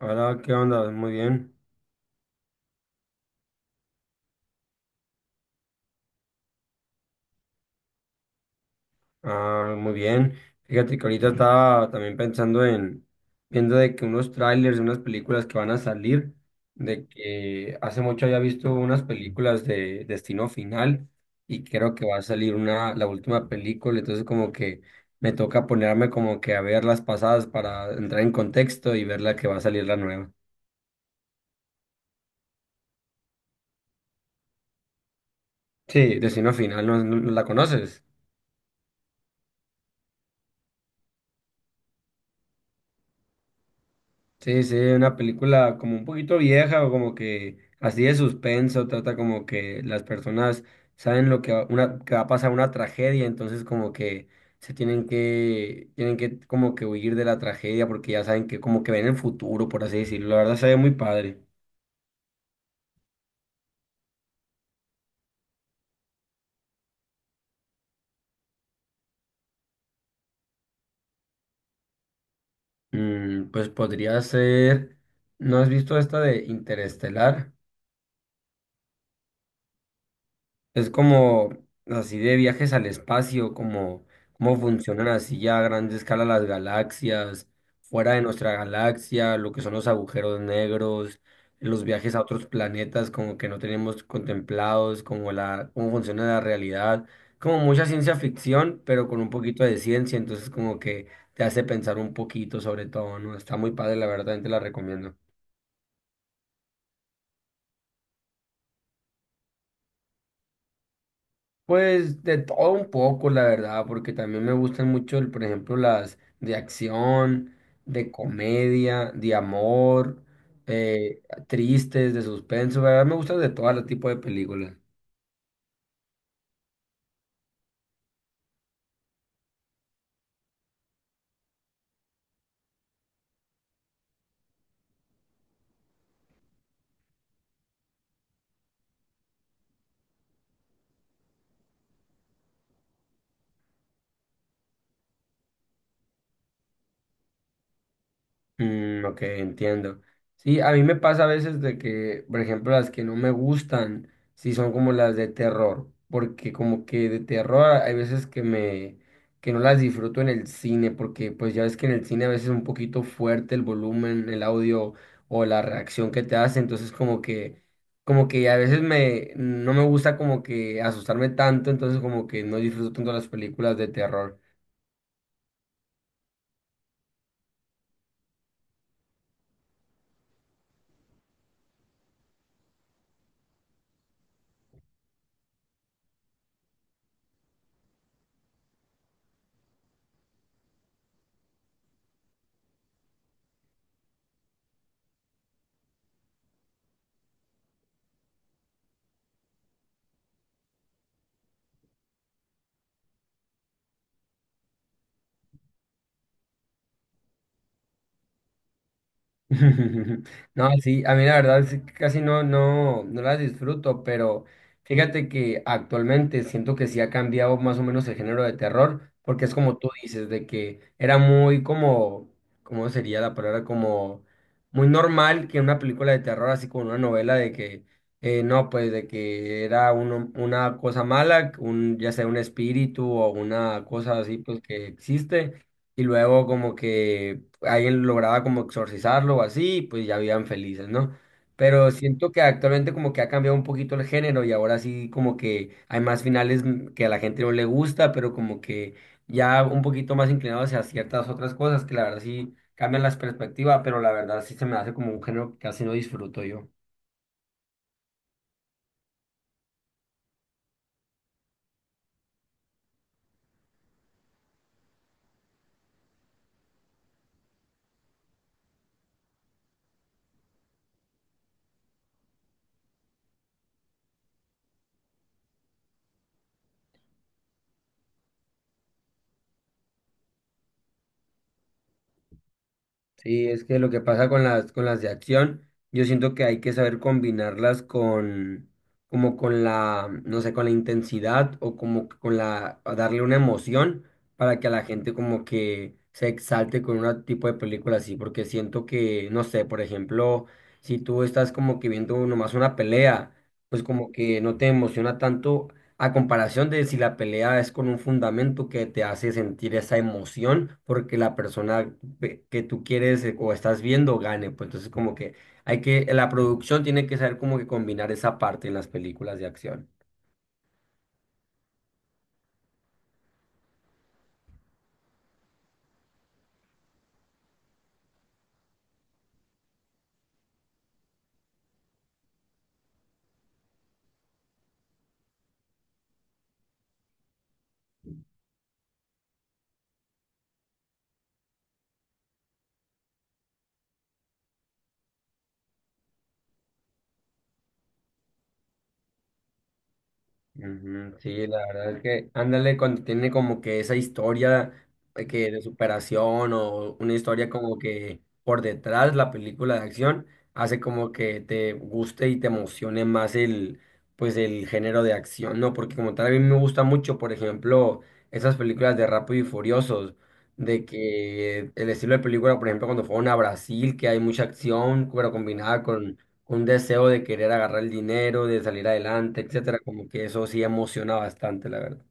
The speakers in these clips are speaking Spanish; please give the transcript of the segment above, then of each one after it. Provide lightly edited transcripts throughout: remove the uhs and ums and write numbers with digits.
Hola, ¿qué onda? Muy bien. Ah, muy bien. Fíjate que ahorita estaba también pensando en viendo de que unos trailers de unas películas que van a salir, de que hace mucho había visto unas películas de Destino Final y creo que va a salir una, la última película, entonces como que me toca ponerme como que a ver las pasadas para entrar en contexto y ver la que va a salir la nueva. Sí, Destino Final, ¿no, no la conoces? Sí, sí, una película como un poquito vieja o como que así de suspenso, trata como que las personas saben lo que va, una, que va a pasar una tragedia, entonces como que tienen que como que huir de la tragedia porque ya saben que como que ven el futuro, por así decirlo. La verdad se ve muy padre. Mm, pues podría ser, ¿no has visto esta de Interestelar? Es como así de viajes al espacio, como cómo funcionan así ya a grande escala las galaxias, fuera de nuestra galaxia, lo que son los agujeros negros, los viajes a otros planetas como que no tenemos contemplados, como la, cómo funciona la realidad, como mucha ciencia ficción, pero con un poquito de ciencia, entonces como que te hace pensar un poquito sobre todo, ¿no? Está muy padre, la verdad, te la recomiendo. Pues de todo un poco, la verdad, porque también me gustan mucho, por ejemplo, las de acción, de comedia, de amor, tristes, de suspenso, la verdad me gustan de todo el tipo de películas. Mm, ok, entiendo. Sí, a mí me pasa a veces de que, por ejemplo, las que no me gustan, sí son como las de terror, porque como que de terror hay veces que que no las disfruto en el cine, porque pues ya ves que en el cine a veces es un poquito fuerte el volumen, el audio o la reacción que te hace, entonces como que a veces no me gusta como que asustarme tanto, entonces como que no disfruto tanto las películas de terror. No, sí, a mí la verdad sí que casi no las disfruto, pero fíjate que actualmente siento que sí ha cambiado más o menos el género de terror, porque es como tú dices, de que era muy como, ¿cómo sería la palabra? Como muy normal que una película de terror, así como una novela de que, no, pues de que era una cosa mala, un, ya sea un espíritu o una cosa así, pues que existe. Y luego como que alguien lograba como exorcizarlo o así, pues ya vivían felices, ¿no? Pero siento que actualmente como que ha cambiado un poquito el género y ahora sí como que hay más finales que a la gente no le gusta, pero como que ya un poquito más inclinado hacia ciertas otras cosas que la verdad sí cambian las perspectivas, pero la verdad sí se me hace como un género que casi no disfruto yo. Sí, es que lo que pasa con con las de acción, yo siento que hay que saber combinarlas como con la, no sé, con la intensidad o como que con la, a darle una emoción para que a la gente como que se exalte con un tipo de película así, porque siento que, no sé, por ejemplo, si tú estás como que viendo nomás una pelea, pues como que no te emociona tanto a comparación de si la pelea es con un fundamento que te hace sentir esa emoción porque la persona que tú quieres o estás viendo gane, pues entonces como que hay que, la producción tiene que saber como que combinar esa parte en las películas de acción. Ujú, sí, la verdad es que ándale cuando tiene como que esa historia de superación o una historia como que por detrás la película de acción hace como que te guste y te emocione más el pues el género de acción, ¿no? Porque como tal a mí me gusta mucho, por ejemplo, esas películas de Rápido y Furiosos, de que el estilo de película, por ejemplo, cuando fueron a Brasil, que hay mucha acción, pero combinada con un deseo de querer agarrar el dinero, de salir adelante, etcétera, como que eso sí emociona bastante, la verdad.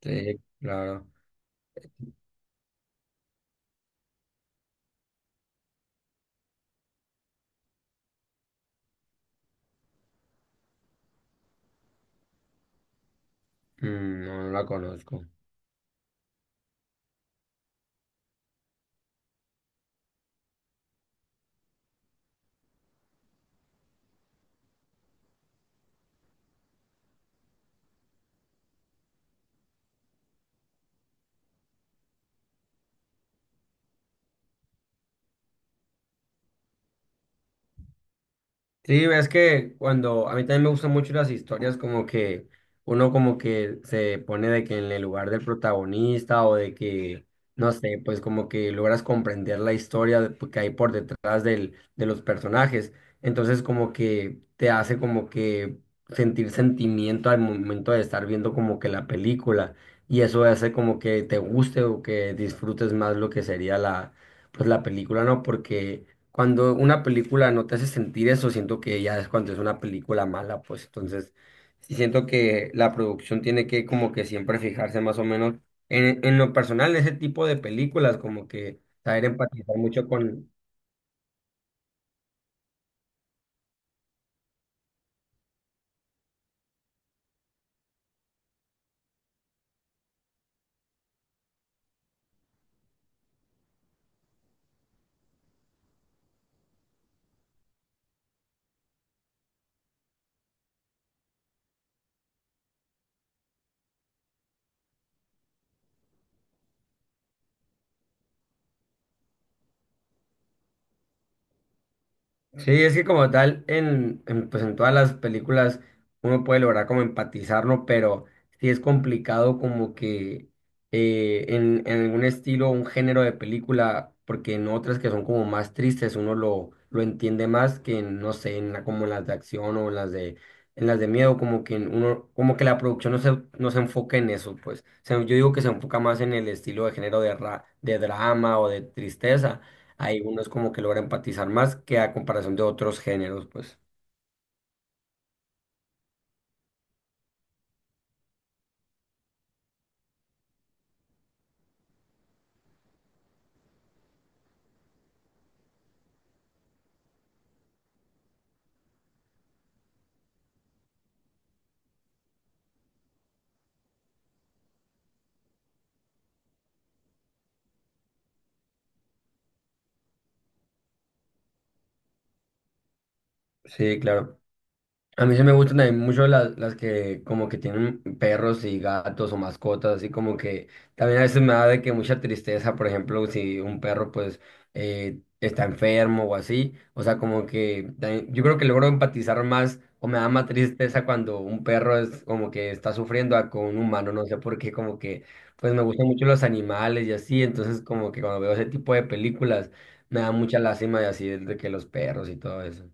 Sí, claro. Mm, no, no la conozco. Sí, es que cuando a mí también me gustan mucho las historias como que uno como que se pone de que en el lugar del protagonista o de que, no sé, pues como que logras comprender la historia que hay por detrás de los personajes. Entonces como que te hace como que sentir sentimiento al momento de estar viendo como que la película y eso hace como que te guste o que disfrutes más lo que sería la, pues la película, ¿no? Porque... cuando una película no te hace sentir eso, siento que ya es cuando es una película mala, pues entonces sí siento que la producción tiene que como que siempre fijarse más o menos en lo personal, en ese tipo de películas, como que saber empatizar mucho con. Sí, es que como tal, pues en todas las películas uno puede lograr como empatizar, ¿no? Pero sí es complicado como que en algún estilo, un género de película, porque en otras que son como más tristes uno lo entiende más que en, no sé, como en las de acción o en las de miedo, como que en uno, como que la producción no se enfoca en eso, pues. O sea, yo digo que se enfoca más en el estilo de género de, de drama o de tristeza hay unos como que logra empatizar más que a comparación de otros géneros, pues. Sí, claro. A mí se me gustan también mucho las que como que tienen perros y gatos o mascotas, así como que también a veces me da de que mucha tristeza, por ejemplo, si un perro pues está enfermo o así, o sea, como que también- yo creo que logro empatizar más o me da más tristeza cuando un perro es como que está sufriendo a con un humano, no sé por qué, como que pues me gustan mucho los animales y así, entonces como que cuando veo ese tipo de películas me da mucha lástima y así de que los perros y todo eso.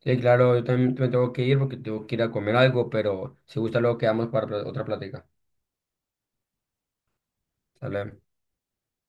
Sí, claro, yo también me tengo que ir porque tengo que ir a comer algo, pero si gusta luego quedamos para otra plática. Sale.